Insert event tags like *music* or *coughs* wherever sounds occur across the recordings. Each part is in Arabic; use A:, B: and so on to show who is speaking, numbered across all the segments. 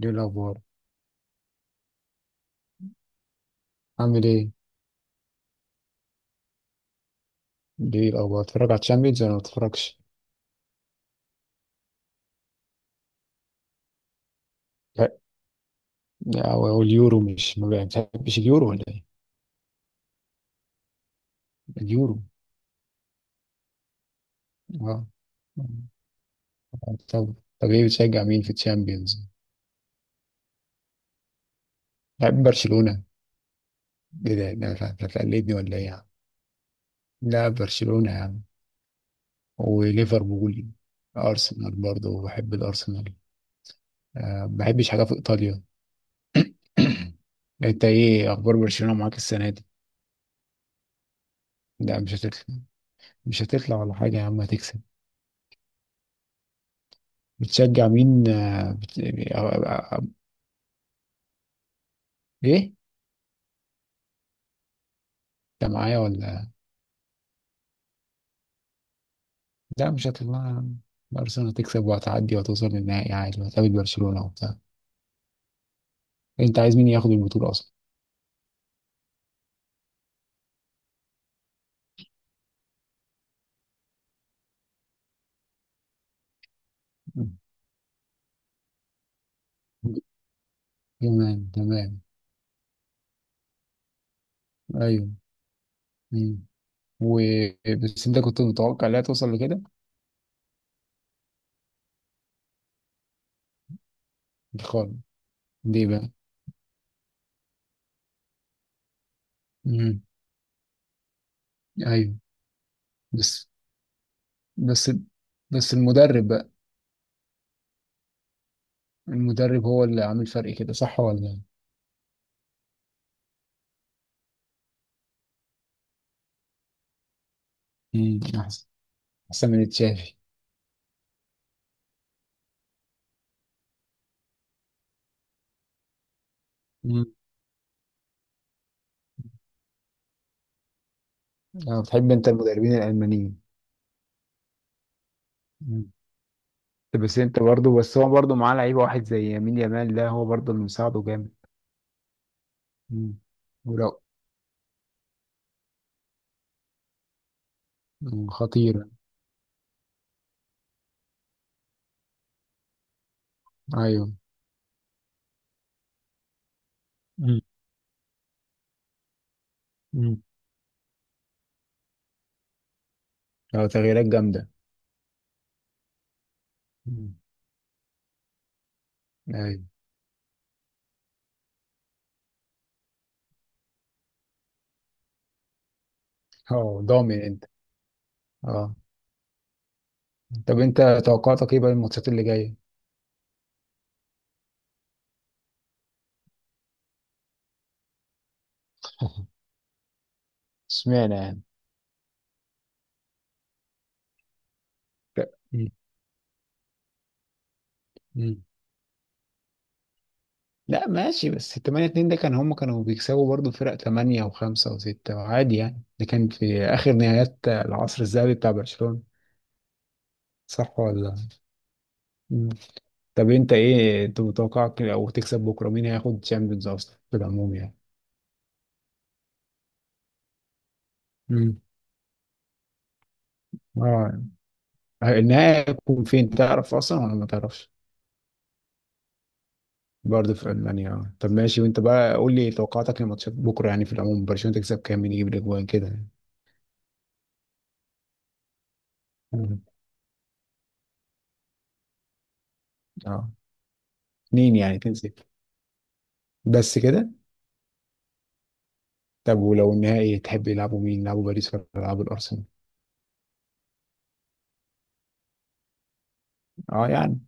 A: دي الأخبار عامل إيه؟ دي الأخبار بتتفرج على الشامبيونز ولا ما بتتفرجش؟ لا. أو اليورو، مش ما بتحبش اليورو ولا إيه؟ اليورو. أه. طب طب إيه بتشجع مين في الشامبيونز؟ بحب برشلونة. إيه ده؟ ده مش عارف هتقلدني ولا إيه يا عم؟ لا برشلونة يا عم. وليفربول. أرسنال برضه بحب الأرسنال. أه ما بحبش حاجة في إيطاليا. *coughs* انت ايه اخبار برشلونة معاك السنة دي؟ لا مش هتطلع. مش هتطلع ولا حاجة يا عم، هتكسب. بتشجع مين آه، بت... أو... أو... أو... ايه؟ انت معايا ولا؟ لا مش هتطلع. ارسنال هتكسب وهتعدي وهتوصل للنهائي عادي، وهتقابل برشلونة وبتاع. انت عايز مين ياخد البطولة اصلا؟ مم. تمام تمام. ايوه. مم. و بس انت كنت متوقع لا توصل لكده؟ خالص. ليه بقى؟ مم. ايوه. بس بس بس المدرب بقى. المدرب هو اللي عامل فرق كده، صح ولا؟ مم. احسن. احسن من تشافي. مم. آه، بتحب انت المدربين الالمانيين. مم. بس انت برضه، بس هو برضه معاه لعيب واحد زي يمين يامال، ده هو برضه اللي مساعده جامد. مم. ولو. مم. خطير. ايوه. مم. مم. اه تغييرات جامدة. مم. ايوه. اه ضامن انت. اه. طب انت توقعاتك ايه بقى الماتشات اللي جاية؟ *laughs* اشمعنى يعني؟ مم. مم. لا ماشي، بس 8-2 ده كان هم كانوا بيكسبوا برضه فرق 8 و5 و6 عادي يعني، ده كان في اخر نهايات العصر الذهبي بتاع برشلونة. صح ولا؟ طب انت ايه، انت متوقعك لو تكسب بكره مين هياخد الشامبيونز اصلا في العموم يعني؟ امم. اه. النهائي هيكون فين، تعرف اصلا ولا ما تعرفش؟ برضه في المانيا اه. طب ماشي، وانت بقى قول لي توقعاتك لماتشات بكره يعني في العموم، برشلونه تكسب كام، مين يجيب الاجوان كده يعني. مم. اه. اتنين يعني تنسي. بس كده. طب ولو النهائي تحب يلعبوا مين، يلعبوا باريس ولا يلعبوا الارسنال؟ اه يعني.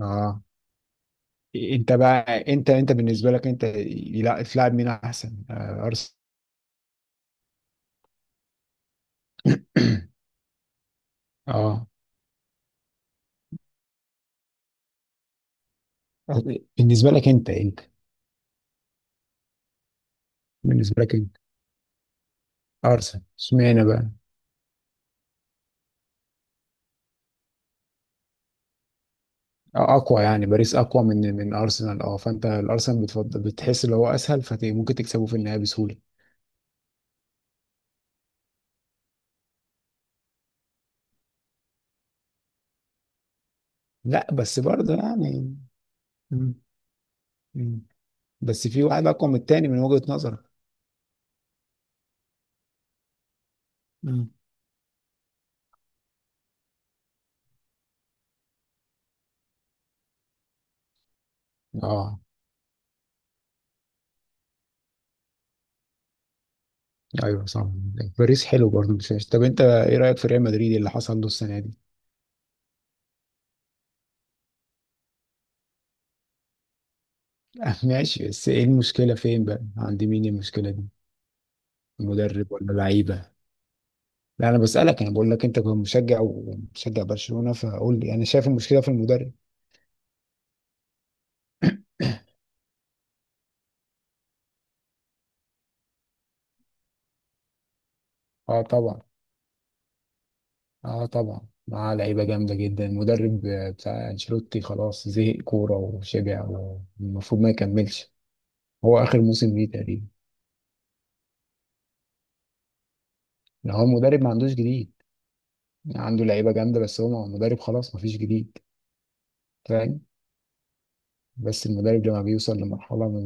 A: اه. انت بقى، انت بالنسبه لك انت تلعب مين احسن، آه ارسنال؟ *coughs* *clears throat* اه. بالنسبة لك أنت أنت. بالنسبة لك أنت. أرسنال اشمعنى بقى؟ آه، أقوى يعني باريس أقوى من أرسنال، أه فأنت الأرسنال بتفضل، بتحس اللي هو أسهل فممكن تكسبه في النهاية بسهولة. لا بس برضه يعني. مم. مم. بس في واحد أقوى من التاني من وجهة نظرك. مم. أه. أيوه صح. باريس حلو برضه، مش وحش. طب أنت إيه رأيك في ريال مدريد اللي حصل له السنة دي؟ *laughs* ماشي، بس إيه المشكلة فين بقى؟ عند مين المشكلة دي؟ المدرب ولا لعيبة؟ لا انا بسألك، انا بقول لك انت كنت مشجع ومشجع برشلونة، فقول لي، انا شايف المشكلة في المدرب. اه طبعا. اه طبعا معاه لعيبة جامدة جدا، المدرب بتاع انشيلوتي خلاص زهق كورة وشبع، والمفروض ما يكملش. هو اخر موسم ليه تقريبا. لو هو المدرب ما عندوش جديد، عنده لعيبة جامدة بس هو المدرب خلاص ما فيش جديد، فاهم؟ بس المدرب لما بيوصل لمرحلة من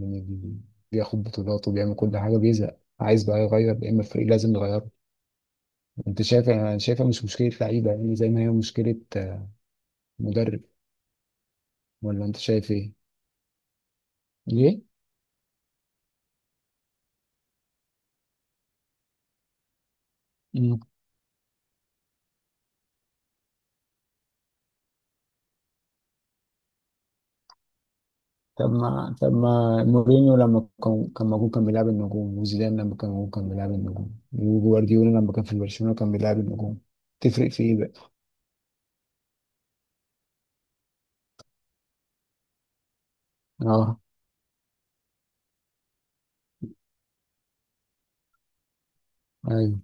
A: من من- بياخد بطولات وبيعمل كل حاجة بيزهق، عايز بقى يغير، يا اما الفريق لازم يغيره. انت شايف؟ انا شايفها مش مشكله لعيبه يعني، زي ما هي مشكله مدرب، ولا انت شايف ايه؟ ليه؟ مم. طب ما، مورينيو لما كان موجود كان بيلعب النجوم، وزيدان لما كان موجود كان بيلعب النجوم، وجوارديولا لما كان في برشلونه كان بيلعب النجوم. تفرق في ايه بقى؟ اه. ايوه.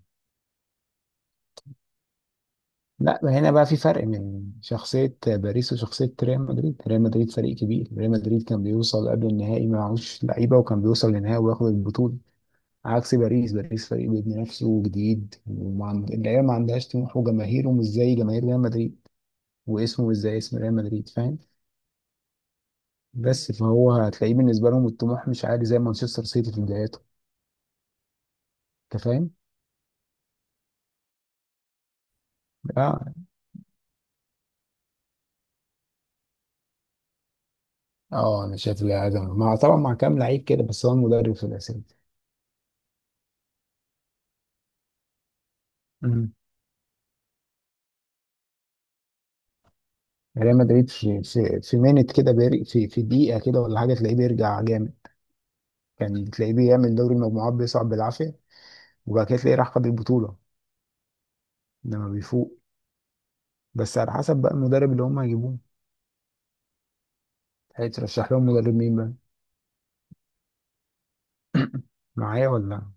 A: لا هنا بقى في فرق من شخصيه باريس وشخصيه ريال مدريد، ريال مدريد فريق كبير، ريال مدريد كان بيوصل قبل النهائي معهوش لعيبه وكان بيوصل للنهائي وياخد البطوله، عكس باريس. باريس فريق بيبني نفسه وجديد وما عند... العيال ما عندهاش طموح، وجماهيره مش زي جماهير ريال مدريد، واسمه مش زي اسم ريال مدريد، فاهم؟ بس فهو هتلاقيه بالنسبه لهم الطموح مش عالي، زي مانشستر سيتي في بداياته. انت فاهم؟ اه. اه انا شايف العزم مع، طبعا مع كام لعيب كده، بس هو المدرب في الاساس. مم. ريال مدريد في مينت كده، في دقيقه كده ولا حاجه تلاقيه بيرجع جامد. كان تلاقيه بيعمل دوري المجموعات بيصعد بالعافيه، وبعد كده تلاقيه راح خد البطوله لما بيفوق. بس على حسب بقى المدرب اللي هم هيجيبوه. هيترشح لهم مدرب مين بقى؟ معايا ولا؟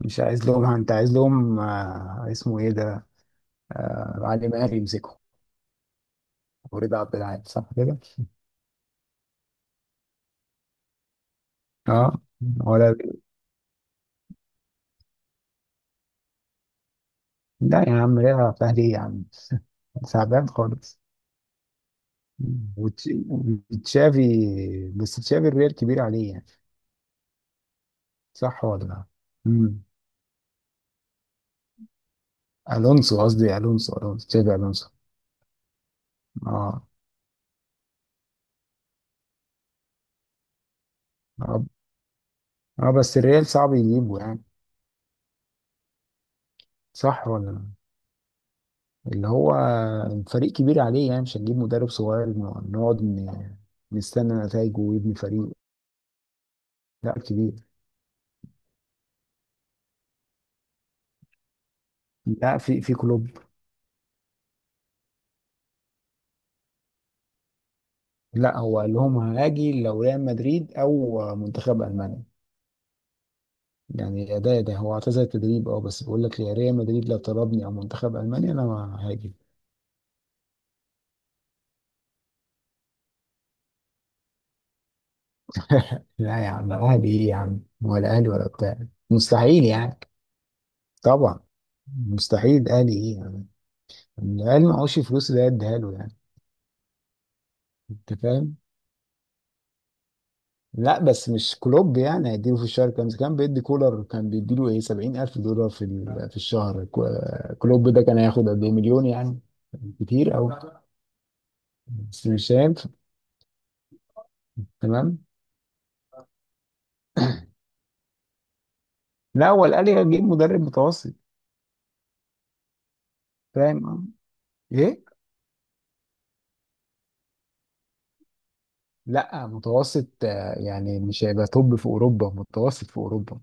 A: مش عايز لهم، انت عايز لهم آه اسمه ايه ده، آه علي ماهر يمسكه ورضا عبد العال، صح كده؟ اه. ولا. لا يا عم، رضا عبد العال ايه يا عم؟ *laughs* تعبان خالص. وتش- وتشافي. بس تشافي الريال كبير عليه يعني، صح ولا لا؟ مم. الونسو قصدي، الونسو، تشافي الونسو. اه. اه. آه، بس الريال صعب يجيبه يعني، صح ولا لا؟ اللي هو فريق كبير عليه يعني، مش هنجيب مدرب صغير نقعد نستنى نتائجه ويبني فريق، لا كبير. لا في كلوب. لا هو قال لهم هاجي لو ريال مدريد او منتخب المانيا، يعني ده هو اعتزل التدريب اه، بس بيقول لك يا ريال مدريد لو طلبني او منتخب المانيا انا ما هاجي. *laughs* لا يا عم، اهلي ايه يا عم، ولا اهلي ولا بتاع. مستحيل يعني. طبعا. مستحيل، اهلي ايه يعني. الاهلي معهوش فلوس اللي هي اديها له يعني. انت فاهم؟ لا بس مش كلوب، يعني هيديله في الشهر كام، كان بيدي كولر، كان بيديله ايه $70,000 في الشهر، كلوب ده كان هياخد قد ايه، مليون يعني. كتير أوي. بس مش هينفع. تمام. لا هو الأهلي هيجيب مدرب متوسط. فاهم. اه. ايه. لا متوسط، يعني مش هيبقى توب في اوروبا، متوسط في اوروبا